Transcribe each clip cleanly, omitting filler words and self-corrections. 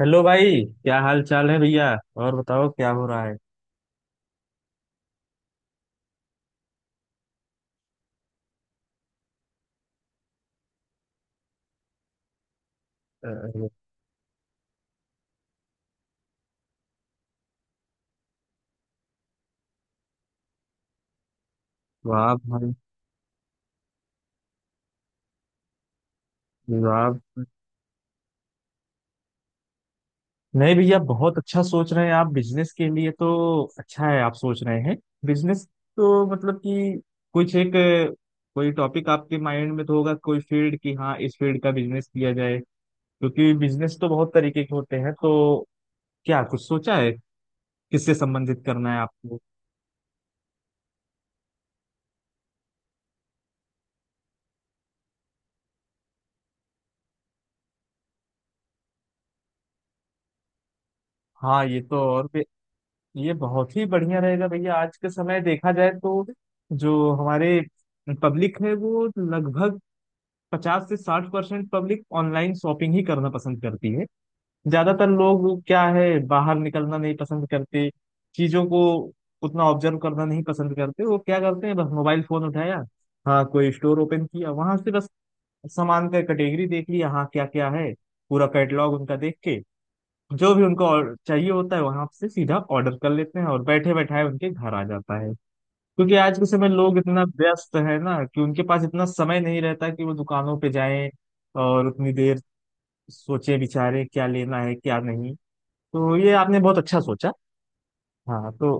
Hello भाई। क्या हाल चाल है भैया। और बताओ क्या हो रहा है। अरे। वाह भाई वाह। नहीं भैया बहुत अच्छा सोच रहे हैं आप बिजनेस के लिए तो अच्छा है आप सोच रहे हैं बिजनेस। तो मतलब कि कुछ एक कोई टॉपिक आपके माइंड में तो होगा, कोई फील्ड की, हाँ इस फील्ड का बिजनेस किया जाए। क्योंकि बिजनेस तो बहुत तरीके के होते हैं, तो क्या कुछ सोचा है, किससे संबंधित करना है आपको। हाँ ये तो और भी। ये बहुत ही बढ़िया रहेगा भैया। आज के समय देखा जाए तो जो हमारे पब्लिक है वो लगभग 50 से 60% पब्लिक ऑनलाइन शॉपिंग ही करना पसंद करती है। ज्यादातर लोग क्या है, बाहर निकलना नहीं पसंद करते, चीजों को उतना ऑब्जर्व करना नहीं पसंद करते। वो क्या करते हैं, बस मोबाइल फोन उठाया, हाँ कोई स्टोर ओपन किया, वहां से बस सामान का कैटेगरी देख लिया, हाँ क्या क्या है पूरा कैटलॉग उनका देख के जो भी उनको और चाहिए होता है वहां से सीधा ऑर्डर कर लेते हैं और बैठे बैठाए उनके घर आ जाता है। क्योंकि आज के समय लोग इतना व्यस्त है ना कि उनके पास इतना समय नहीं रहता कि वो दुकानों पे जाएं और उतनी देर सोचे विचारे क्या लेना है क्या नहीं। तो ये आपने बहुत अच्छा सोचा। हाँ तो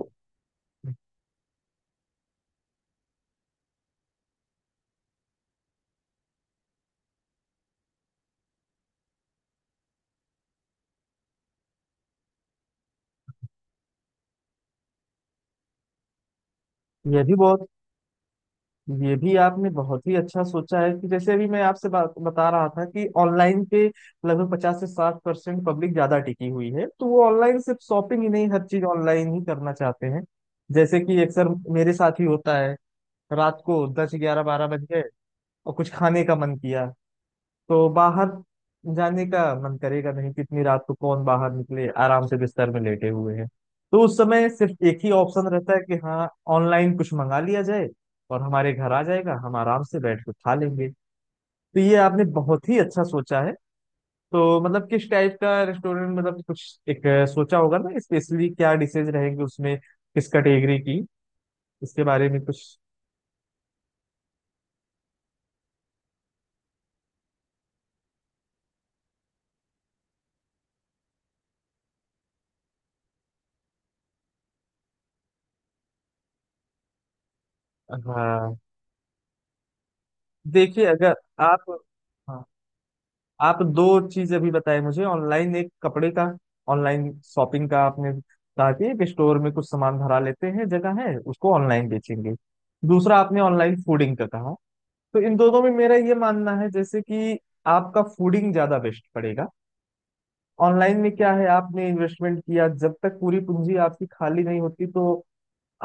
यह भी बहुत ये भी आपने बहुत ही अच्छा सोचा है कि जैसे अभी मैं आपसे बात बता रहा था कि ऑनलाइन पे लगभग 50 से 60% पब्लिक ज्यादा टिकी हुई है, तो वो ऑनलाइन सिर्फ शॉपिंग ही नहीं, हर चीज ऑनलाइन ही करना चाहते हैं। जैसे कि अक्सर मेरे साथ ही होता है, रात को 10, 11, 12 बज गए और कुछ खाने का मन किया, तो बाहर जाने का मन करेगा नहीं, कितनी रात को कौन बाहर निकले, आराम से बिस्तर में लेटे हुए हैं। तो उस समय सिर्फ एक ही ऑप्शन रहता है कि हाँ ऑनलाइन कुछ मंगा लिया जाए और हमारे घर आ जाएगा, हम आराम से बैठ के खा लेंगे। तो ये आपने बहुत ही अच्छा सोचा है। तो मतलब किस टाइप का रेस्टोरेंट, मतलब कुछ एक सोचा होगा ना, स्पेशली क्या डिशेज रहेंगे उसमें, किस कैटेगरी की, इसके बारे में कुछ। हाँ देखिए अगर आप, हाँ आप दो चीज अभी बताए मुझे, ऑनलाइन एक कपड़े का, ऑनलाइन शॉपिंग का आपने कहा कि एक स्टोर में कुछ सामान भरा लेते हैं, जगह है, उसको ऑनलाइन बेचेंगे। दूसरा आपने ऑनलाइन फूडिंग का कहा। तो इन दोनों में मेरा ये मानना है जैसे कि आपका फूडिंग ज्यादा बेस्ट पड़ेगा। ऑनलाइन में क्या है, आपने इन्वेस्टमेंट किया, जब तक पूरी पूंजी आपकी खाली नहीं होती तो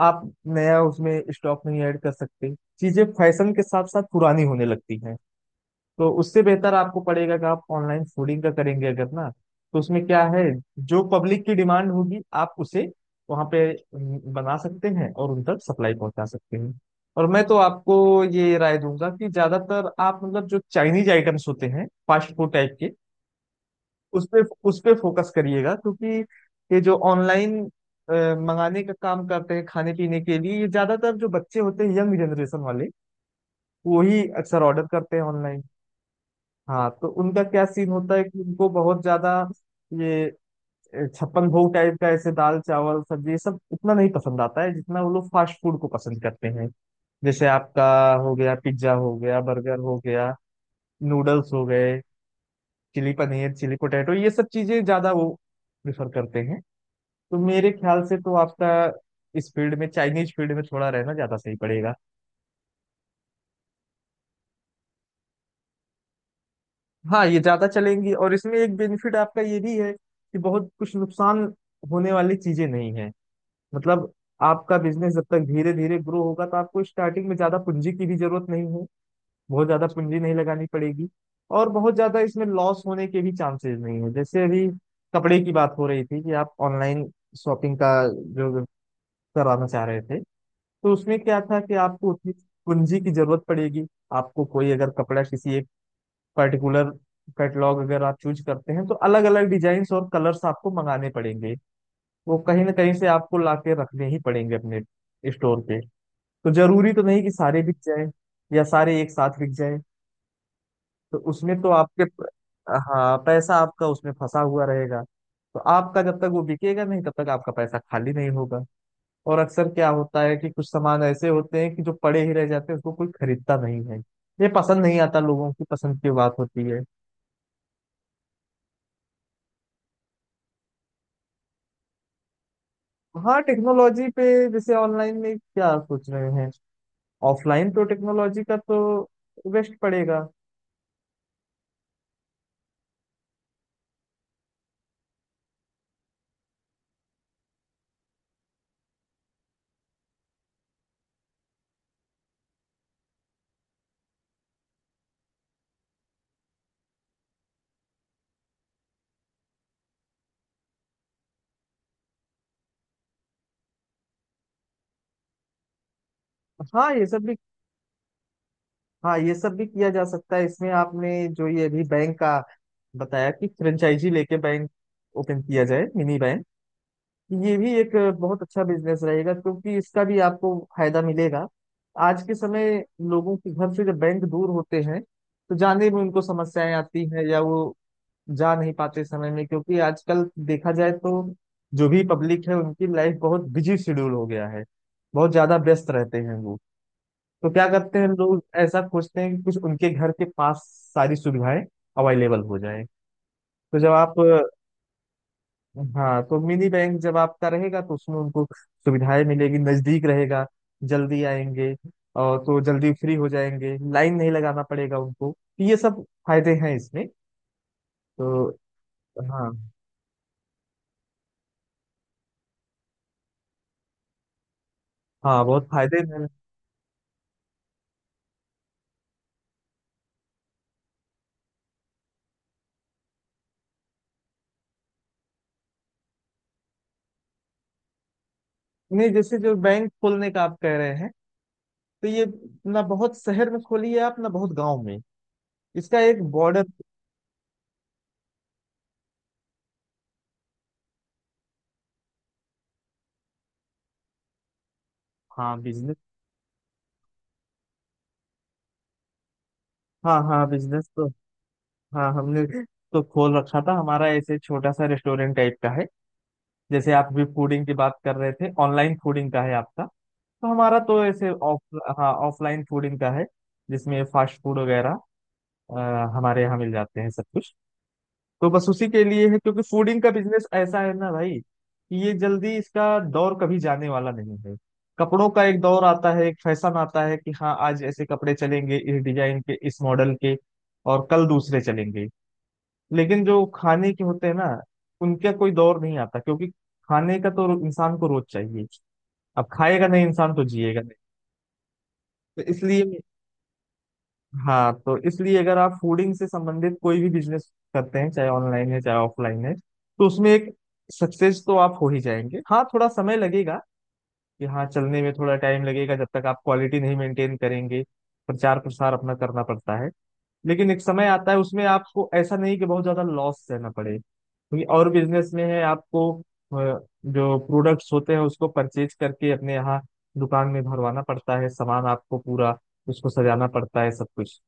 आप नया उसमें स्टॉक नहीं ऐड कर सकते। चीजें फैशन के साथ साथ पुरानी होने लगती हैं। तो उससे बेहतर आपको पड़ेगा कि आप ऑनलाइन फूडिंग का करेंगे अगर ना, तो उसमें क्या है, जो पब्लिक की डिमांड होगी आप उसे वहां पे बना सकते हैं और उन तक सप्लाई पहुंचा सकते हैं। और मैं तो आपको ये राय दूंगा कि ज्यादातर आप, मतलब जो चाइनीज आइटम्स होते हैं फास्ट फूड टाइप के, उस पे उस पे फोकस करिएगा। क्योंकि ये जो ऑनलाइन मंगाने का काम करते हैं खाने पीने के लिए, ये ज्यादातर जो बच्चे होते हैं, यंग जनरेशन वाले, वही अक्सर ऑर्डर करते हैं ऑनलाइन। हाँ तो उनका क्या सीन होता है कि उनको बहुत ज्यादा ये छप्पन भोग टाइप का, ऐसे दाल चावल सब्जी, ये सब उतना नहीं पसंद आता है जितना वो लोग फास्ट फूड को पसंद करते हैं। जैसे आपका हो गया पिज्जा, हो गया बर्गर, हो गया नूडल्स हो गए, चिली पनीर, चिली पोटैटो, ये सब चीजें ज्यादा वो प्रेफर करते हैं। तो मेरे ख्याल से तो आपका इस फील्ड में, चाइनीज फील्ड में थोड़ा रहना ज्यादा सही पड़ेगा। हाँ ये ज्यादा चलेंगी, और इसमें एक बेनिफिट आपका ये भी है कि बहुत कुछ नुकसान होने वाली चीजें नहीं है। मतलब आपका बिजनेस जब तक धीरे धीरे ग्रो होगा, तो आपको स्टार्टिंग में ज्यादा पूंजी की भी जरूरत नहीं है, बहुत ज्यादा पूंजी नहीं लगानी पड़ेगी, और बहुत ज्यादा इसमें लॉस होने के भी चांसेस नहीं है। जैसे अभी कपड़े की बात हो रही थी कि आप ऑनलाइन शॉपिंग का जो कराना चाह रहे थे, तो उसमें क्या था कि आपको उतनी पूंजी की जरूरत पड़ेगी। आपको कोई अगर कपड़ा किसी एक पर्टिकुलर कैटलॉग अगर आप चूज करते हैं, तो अलग अलग डिजाइन और कलर्स आपको मंगाने पड़ेंगे। वो कहीं ना कहीं से आपको लाके रखने ही पड़ेंगे अपने स्टोर पे। तो जरूरी तो नहीं कि सारे बिक जाए या सारे एक साथ बिक जाए। तो उसमें तो आपके, हाँ, पैसा आपका उसमें फंसा हुआ रहेगा। तो आपका जब तक वो बिकेगा नहीं तब तक आपका पैसा खाली नहीं होगा। और अक्सर क्या होता है कि कुछ सामान ऐसे होते हैं कि जो पड़े ही रह जाते हैं, उसको कोई खरीदता नहीं है, ये पसंद नहीं आता, लोगों की पसंद की बात होती है। हाँ टेक्नोलॉजी पे जैसे ऑनलाइन में क्या सोच रहे हैं? ऑफलाइन तो टेक्नोलॉजी का तो वेस्ट पड़ेगा। हाँ ये सब भी हाँ ये सब भी किया जा सकता है। इसमें आपने जो ये अभी बैंक का बताया कि फ्रेंचाइजी लेके बैंक ओपन किया जाए, मिनी बैंक, ये भी एक बहुत अच्छा बिजनेस रहेगा, क्योंकि इसका भी आपको फायदा मिलेगा। आज के समय लोगों के घर से जब बैंक दूर होते हैं तो जाने में उनको समस्याएं आती हैं, या वो जा नहीं पाते समय में। क्योंकि आजकल देखा जाए तो जो भी पब्लिक है उनकी लाइफ बहुत बिजी शेड्यूल हो गया है, बहुत ज्यादा व्यस्त रहते हैं वो। तो क्या करते हैं, लोग ऐसा खोजते हैं कि कुछ उनके घर के पास सारी सुविधाएं अवेलेबल हो जाए। तो जब आप, हाँ तो मिनी बैंक जब आपका रहेगा तो उसमें उनको सुविधाएं मिलेगी, नजदीक रहेगा, जल्दी आएंगे, और तो जल्दी फ्री हो जाएंगे, लाइन नहीं लगाना पड़ेगा उनको। तो ये सब फायदे हैं इसमें तो। हाँ। हाँ बहुत फायदे हैं। नहीं जैसे जो बैंक खोलने का आप कह रहे हैं, तो ये ना बहुत शहर में खोलिए आप, ना बहुत गांव में, इसका एक बॉर्डर। हाँ बिजनेस हाँ हाँ बिजनेस तो, हाँ हमने तो खोल रखा था, हमारा ऐसे छोटा सा रेस्टोरेंट टाइप का है। जैसे आप भी फूडिंग की बात कर रहे थे, ऑनलाइन फूडिंग का है आपका, तो हमारा तो ऐसे ऑफ हाँ ऑफलाइन फूडिंग का है, जिसमें फास्ट फूड वगैरह अ, हमारे यहाँ मिल जाते हैं सब कुछ। तो बस उसी के लिए है, क्योंकि फूडिंग का बिजनेस ऐसा है ना भाई, कि ये जल्दी इसका दौर कभी जाने वाला नहीं है। कपड़ों का एक दौर आता है, एक फैशन आता है कि हाँ आज ऐसे कपड़े चलेंगे, इस डिजाइन के इस मॉडल के, और कल दूसरे चलेंगे। लेकिन जो खाने के होते हैं ना, उनका कोई दौर नहीं आता, क्योंकि खाने का तो इंसान को रोज चाहिए। अब खाएगा नहीं इंसान तो जिएगा नहीं। तो इसलिए हाँ तो इसलिए अगर आप फूडिंग से संबंधित कोई भी बिजनेस करते हैं, चाहे ऑनलाइन है चाहे ऑफलाइन है, तो उसमें एक सक्सेस तो आप हो ही जाएंगे। हाँ थोड़ा समय लगेगा, कि हाँ चलने में थोड़ा टाइम लगेगा, जब तक आप क्वालिटी नहीं मेंटेन करेंगे, प्रचार प्रसार अपना करना पड़ता है। लेकिन एक समय आता है, उसमें आपको ऐसा नहीं कि बहुत ज्यादा लॉस सहना पड़े, क्योंकि और बिजनेस में है आपको जो प्रोडक्ट्स होते हैं उसको परचेज करके अपने यहाँ दुकान में भरवाना पड़ता है, सामान आपको पूरा उसको सजाना पड़ता है सब कुछ।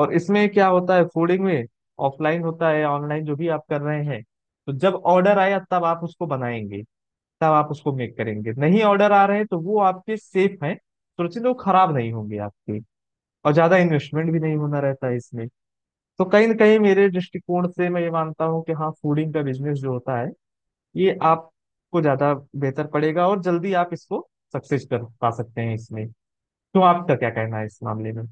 और इसमें क्या होता है फूडिंग में, ऑफलाइन होता है ऑनलाइन जो भी आप कर रहे हैं, तो जब ऑर्डर आया तब आप उसको बनाएंगे, तब आप उसको मेक करेंगे, नहीं ऑर्डर आ रहे हैं तो वो आपके सेफ हैं सुरक्षित हैं, वो खराब नहीं होंगे आपके, और ज्यादा इन्वेस्टमेंट भी नहीं होना रहता है इसमें। तो कहीं ना कहीं मेरे दृष्टिकोण से मैं ये मानता हूँ कि हाँ फूडिंग का बिजनेस जो होता है, ये आपको ज्यादा बेहतर पड़ेगा, और जल्दी आप इसको सक्सेस कर पा सकते हैं इसमें। तो आपका क्या कहना है इस मामले में?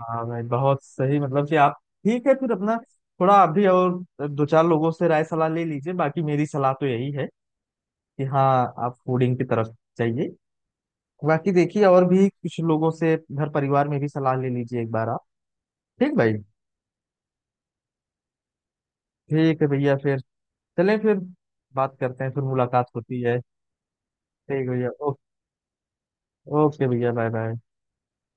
हाँ भाई बहुत सही, मतलब कि आप, ठीक है फिर अपना, थोड़ा आप भी और दो चार लोगों से राय सलाह ले लीजिए। बाकी मेरी सलाह तो यही है कि हाँ आप फूडिंग की तरफ जाइए। बाकी देखिए और भी कुछ लोगों से घर परिवार में भी सलाह ले लीजिए एक बार आप। ठीक भाई। ठीक है भैया, फिर चलें, फिर बात करते हैं, फिर मुलाकात होती है। ठीक है भैया, ओके भैया, बाय बाय।